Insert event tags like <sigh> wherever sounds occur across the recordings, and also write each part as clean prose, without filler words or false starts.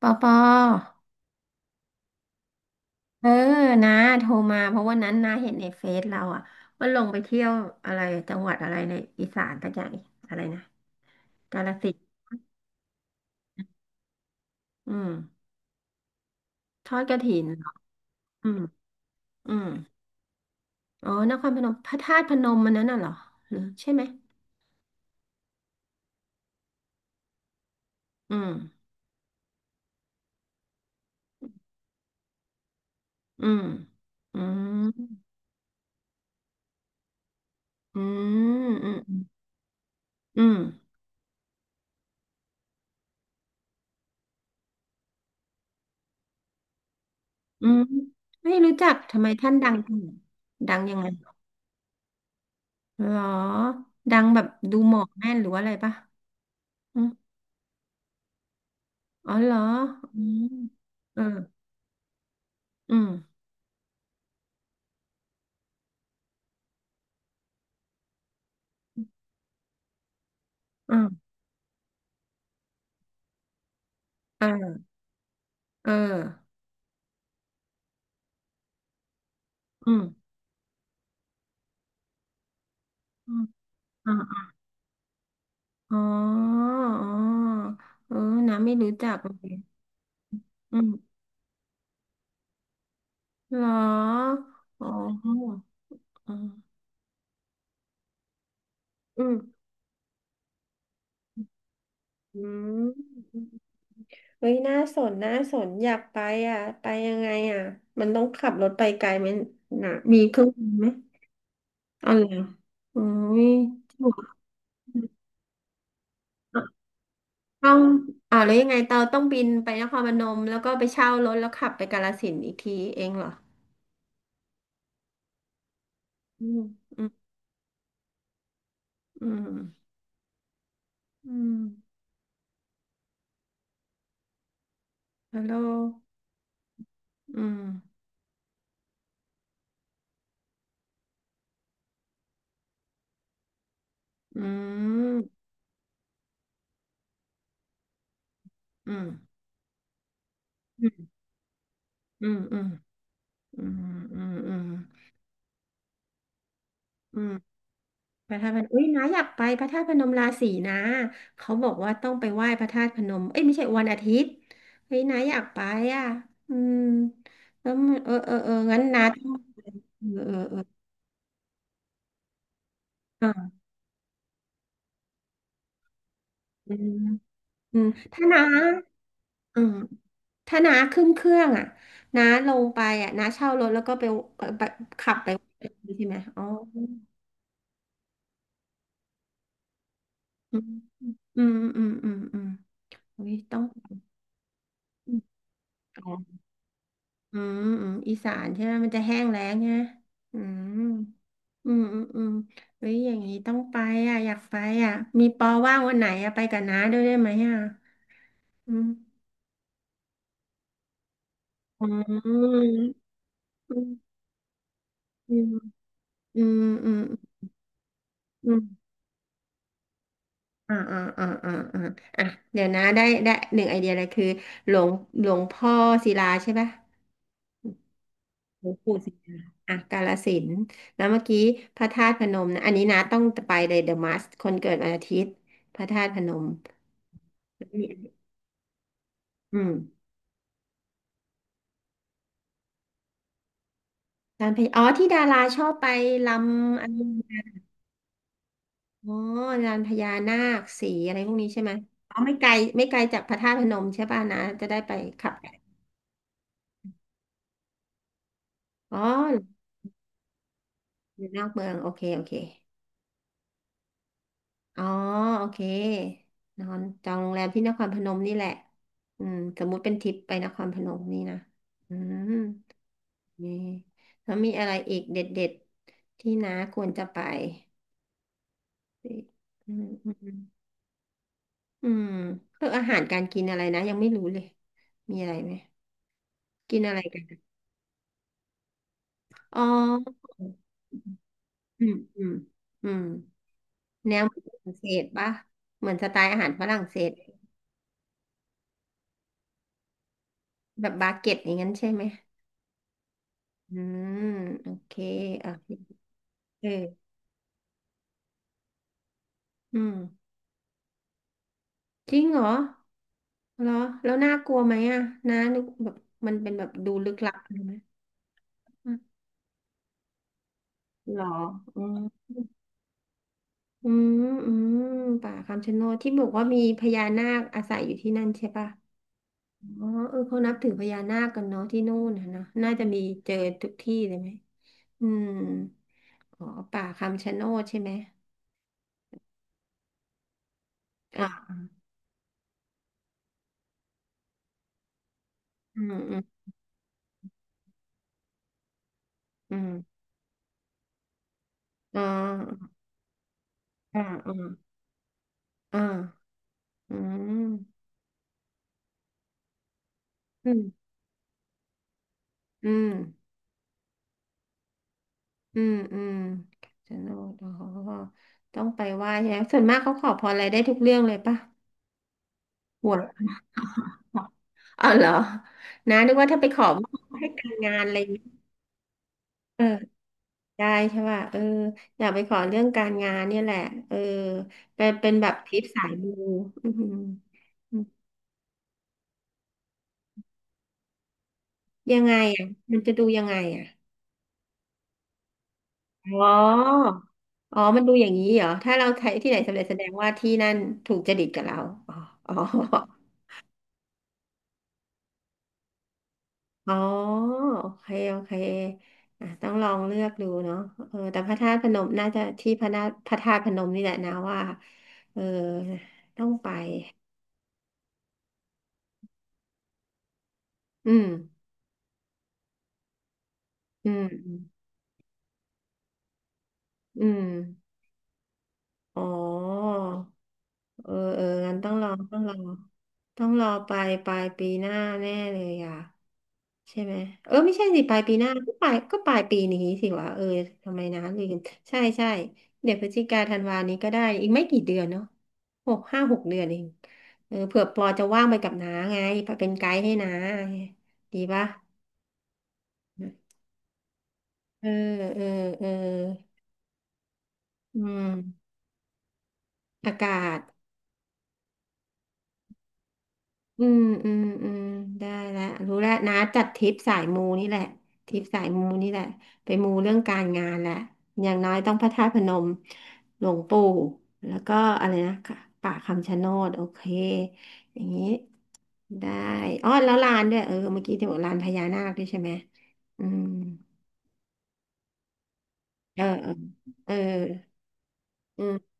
ปอปอเออนะโทรมาเพราะวันนั้นนาเห็นในเฟซเราอ่ะว่าลงไปเที่ยวอะไรจังหวัดอะไรในอีสานตักอย่างอะไรนะกาฬสินธุ์อืมทอดกฐินเหรออืมอืมอ๋อนครพนมพระธาตุพนมมันนั้นน่ะเหรอหรือใช่ไหมอืมอืมอืมอืมอืมอืมอืมไม่รู้จักทำไมท่านดังจังดังยังไงเหรอดังแบบดูหมอกแม่นหรือว่าอะไรปะ อ๋อเหรออืมเอออืมอืมเออเอออืมอืมอ่าอ๋ออ๋อเออน้ำไม่รู้จักเลยอืมเหรออ๋อ อ๋ออืมอืมเฮ้ยน่าสนน่าสนอยากไปอ่ะไปยังไงอ่ะมันต้องขับรถไปไกลไหมนะมีเครื่องบินไหมอะไรออุ้ย ต้องอ่าวแล้วยังไงเตาต้องบินไปนครพนมแล้วก็ไปเช่ารถแล้วขับไปกาฬสินธุ์อีกทีเองเหรออืมอืมอืมอืมฮัลโหลอืมอืมอืมอืมอืมอืมอืมอืมอืมอืมพระธาตุพนมอุ้ยน้าอยากไปพระธาตุพนมราศีนะเขาบอกว่าต้องไปไหว้พระธาตุพนมเอ้ยไม่ใช่วันอาทิตย์เฮ้ยน้าอยากไปอ่ะอืมแล้วมันเอองั้นน้าต้องเอออ่าอืม อืมถ้าน้าอืมถ้าน้าขึ้นเครื่องอ่ะน้าลงไปอ่ะน้าเช่ารถแล้วก็ไปไปขับไปใช่ไหมอ๋ออืมอืมอืมอืมอืมอุ้ยต้องอมอ๋ออืมอืมอีสานใช่ไหม มันจะแห้งแล้งใช่ไหมอืมอืมอืมอืมเฮ้ยอย่างนี้ต้องไปอ่ะอยากไปอ่ะมีปอว่างวันไหนอ่ะไปกับน้าด้วยได้ไหมอ่ะอืมอืมอืมอืมอืมอืมอืม อ่าอ่าอ่าอ่าอ่าอ่ะเดี๋ยวนะได้ได้หนึ่งไอเดียเลยคือหลวงหลวงพ่อศิลาใช่ปะหลวงปู่ศิลาอ่ะกาฬสินธุ์แล้วเมื่อกี้พระธาตุพนมนะอันนี้นะต้องไปเลยเดอะมัสคนเกิดวันอาทิตย์พระธาตุพนมแล้วมีอืมลานพญาอ๋อที่ดาราชอบไปลำอะไรอ๋อลานพญานาคสีอะไรพวกนี้ใช่ไหมอ๋อไม่ไกลไม่ไกลจากพระธาตุพนมใช่ป่ะนะจะได้ไปขับอ๋ออยู่นอกเมืองโอเคโอเค อ๋อโอเคนอนจองโรงแรมที่นครพนมนี่แหละอืมสมมุติเป็นทริปไปนครพนมนี่นะอืมนีแล้วมีอะไรอีกเด็ดๆที่น้าควรจะไปอืมอืมอืมเรื่องอาหารการกินอะไรนะยังไม่รู้เลยมีอะไรไหมกินอะไรกันอ๋ออืมอืมอืมแนวมนฝรั่งเศสปะเหมือนสไตล์อาหารฝรั่งเศสแบบบาเก็ตอย่างนั้นใช่ไหม อืมโอเคอ่ะเอออืมจริงเหรอเหรอแล้วน่ากลัวไหมอ่ะน้านึกแบบมันเป็นแบบดูลึกลับใช่ไหมอืมเหรออืมอืมอืมป่าคำชะโนดที่บอกว่ามีพญานาคอาศัยอยู่ที่นั่นใช่ป่ะอ๋อเออเขานับถือพญานาคกันเนาะที่นู่นนะเนอะน่าจะมีเจอทุกที่เลยไหมอืมอ๋อป่าคำชะโนดใช่ไหมอ่าอืมอืมอืมอ่าอ่าอ่าอ่า อืมอืมอืมอืมอืมสนุกอ๋อต้องไปไหว้ใช่ไหมส่วนมากเขาขอพรอะไรได้ทุกเรื่องเลยปะหัวย <laughs> อ๋อเหรอนะนึกว่าถ้าไปขอให้การงานอะไรอย่างเงี้ยเออได้ใช่ป่ะเอออยากไปขอเรื่องการงานเนี่ยแหละเออเป็นเป็นแบบทริปสายมูอืมยังไงอ่ะมันจะดูยังไงอ่ะอ๋อ อ๋อมันดูอย่างนี้เหรอ ถ้าเราใช้ที่ไหนสำเร็จแสดงว่าที่นั่นถูกจริตกับเราอ๋ออ๋ออ๋อโอเคโอเคอ่ะต้องลองเลือกดูเนาะเออแต่พระธาตุพนมน่าจะที่พระนาพระธาตุพนมนี่แหละนะว่าเออต้องไปอืมอืมอืมอ๋อเออเอองั้นต้องรอต้องรอไปปลายปีหน้าแน่เลยอ่ะ ใช่ไหมเออไม่ใช่สิปลายปีหน้าก็ปลายก็ปลายปีนี้สิวะเออทำไมนะลืมใช่ใช่เดี๋ยวพฤศจิกาธันวานี้ก็ได้อีกไม่กี่เดือนเนาะหกห้าหกเดือนเองเออเผื่อปอจะว่างไปกับน้าไงเป็นไกด์ให้น้าไงดีปะเออเออเอออืมอากาศ อืมอืมอืมได้แล้วรู้แล้วนะจัดทริปสายมูนี่แหละทริปสายมูนี่แหละไปมูเรื่องการงานแหละอย่างน้อยต้องพระธาตุพนมหลวงปู่แล้วก็อะไรนะค่ะป่าคำชะโนดโอเคอย่างนี้ได้อ๋อแล้วลานด้วยเออเมื่อกี้ที่บอกลานพญานาคด้วยใช่ไหมอืมเออเออเอออืม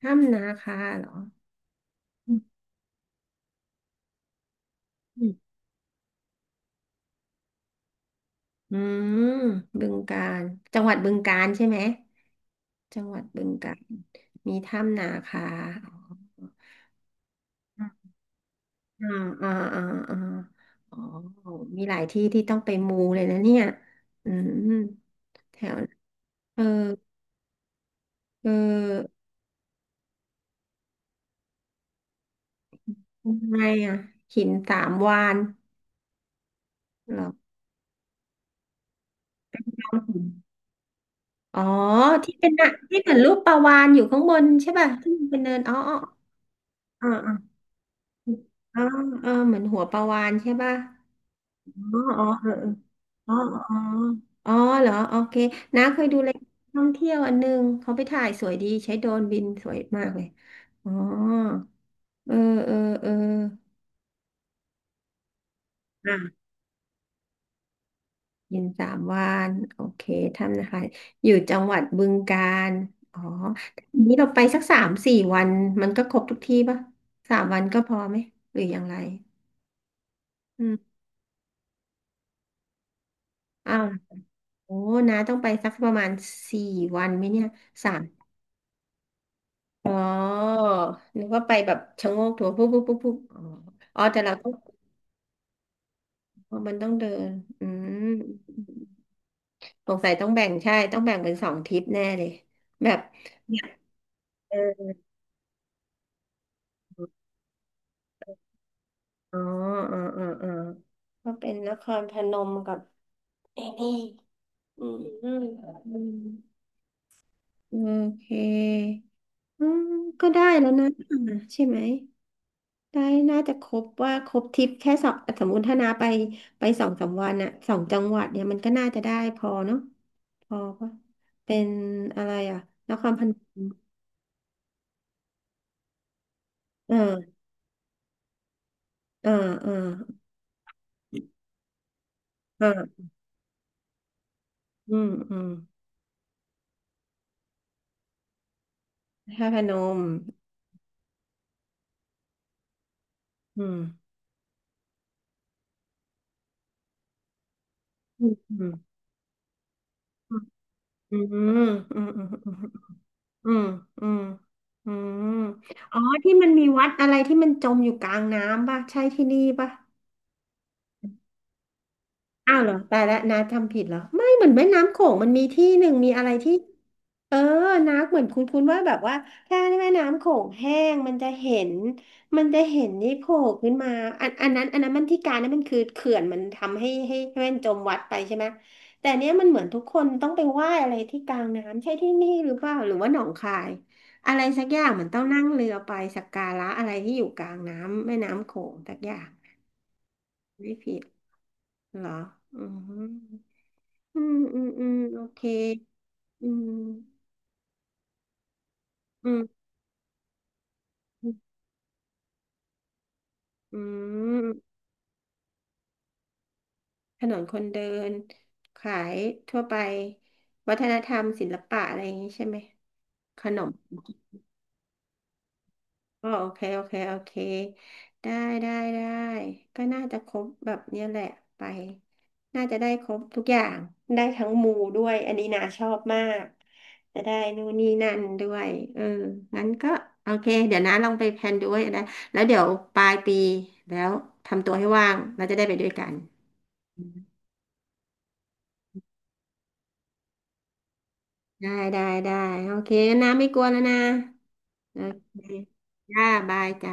ถ้ำนาคาเหรออืมอืมบึงกาฬจังหวัดบึงกาฬใช่ไหม จังหวัดบึงกาฬมีถ้ำนาคาอ๋ออ่าอ่าอ่าอ๋ออ๋อมีหลายที่ที่ต้องไปมูเลยนะเนี่ยอืมแถวเออเออทำไงอ่ะหินสามวานเหรอข้ามหินอ๋อที่เป็นน่ะที่เหมือนรูปปลาวาฬอยู่ข้างบนใช่ป่ะที่มันเป็นเนินอ๋ออ๋ออ๋ออ๋ออ๋อเออเหมือนหัวปลาวาฬใช่ป่ะ อ๋ออ๋อเออเอออ๋ออ๋ออ๋อเหรอโอเคน้าเคยดูรายการท่องเที่ยวอันหนึงเขาไปถ่ายสวยดีใช้โดรนบินสวยมากเลยอ๋อเออเออเอออ่ะยินสามวันโอเคทำนะคะอยู่จังหวัดบึงกาฬอ๋อทีนี้เราไปสักสามสี่วันมันก็ครบทุกที่ปะสามวันก็พอไหม หรืออย่างไรอืมอ้าวโอ้น้าต้องไปสักประมาณสี่วันไหมเนี่ย อ๋อนึกว่าไปแบบชะโงกดูปุ๊บปุ๊บปุ๊บปุ๊บอ๋ออ๋อแต่เราต้องมันต้องเดิน อืมสงสัยต้องแบ่งใช่ ต้องแบ่งเป็นสองทริปแน่เลยแบบเอออ๋ออ๋อ อ๋อ อ๋อ ก็เป็นนครพนมกับไอ้นี่อืม อืม อืมโอเคอืมก็ได้แล้วนะใช่ไหม ได้น่าจะครบว่าครบทริปแค่สองสมมติถ้านาไปไปสองสามวันอะสองจังหวัดเนี่ยมันก็น่าจะได้พอเนาะพอปะเป็นอะไรอะนครพนมอ่าอ่าอ่าอ่าอืมอืมนคระพนมอืมอืมอืมอืมอืมอืมอืมอืมอืมอ๋อที่มันมีวัดอะไรที่มันจมอยู่กลางน้ำป่ะใช่ที่นี่ป่ะ อ้าวเหรอแตายแล้วนาทำผิดเหรอไม่เหมือนแม่น้ำโขงมันมีที่หนึ่งมีอะไรที่เออนาเหมือนคุ้นๆว่าแบบว่าถ้าแม่น้ำโขงแห้งมันจะเห็นมันจะเห็นนี่โผล่ขึ้นมาอันอันนั้นอันนั้นมันที่การนั้นมันคือเขื่อนมันทำให้แม่นจมวัดไปใช่ไหมแต่เนี้ยมันเหมือนทุกคนต้องไปไหว้อะไรที่กลางน้ำใช่ที่นี่หรือเปล่าหรือว่าหนองคายอะไรสักอย่างเหมือนต้องนั่งเรือไปสักการะอะไรที่อยู่กลางน้ำแม่น้ำโขงสักอย่างไม่ผิดเหรออืม อืมอืมอืมโอเคอืมอืมอืมถนนคนเดิน ขายทั่วไป วัฒนธรรมศิลปะอะไรอย่างนี้ใช่ไหม ขนม ก็โอเคโอเคโอเคได้ได้ได้ก็น่าจะครบแบบเนี้ยแหละไปน่าจะได้ครบทุกอย่างได้ทั้งมูด้วยอันนี้นาชอบมากจะได้นู่นนี่นั่นด้วยเอองั้นก็โอเคเดี๋ยวนะลองไปแพลนดูไว้นะแล้วเดี๋ยวปลายปีแล้วทำตัวให้ว่างเราจะได้ไปด้วยกันได้ได้ได้โอเคนะไม่กลัวแล้วนะโอเคจ้าบายจ้า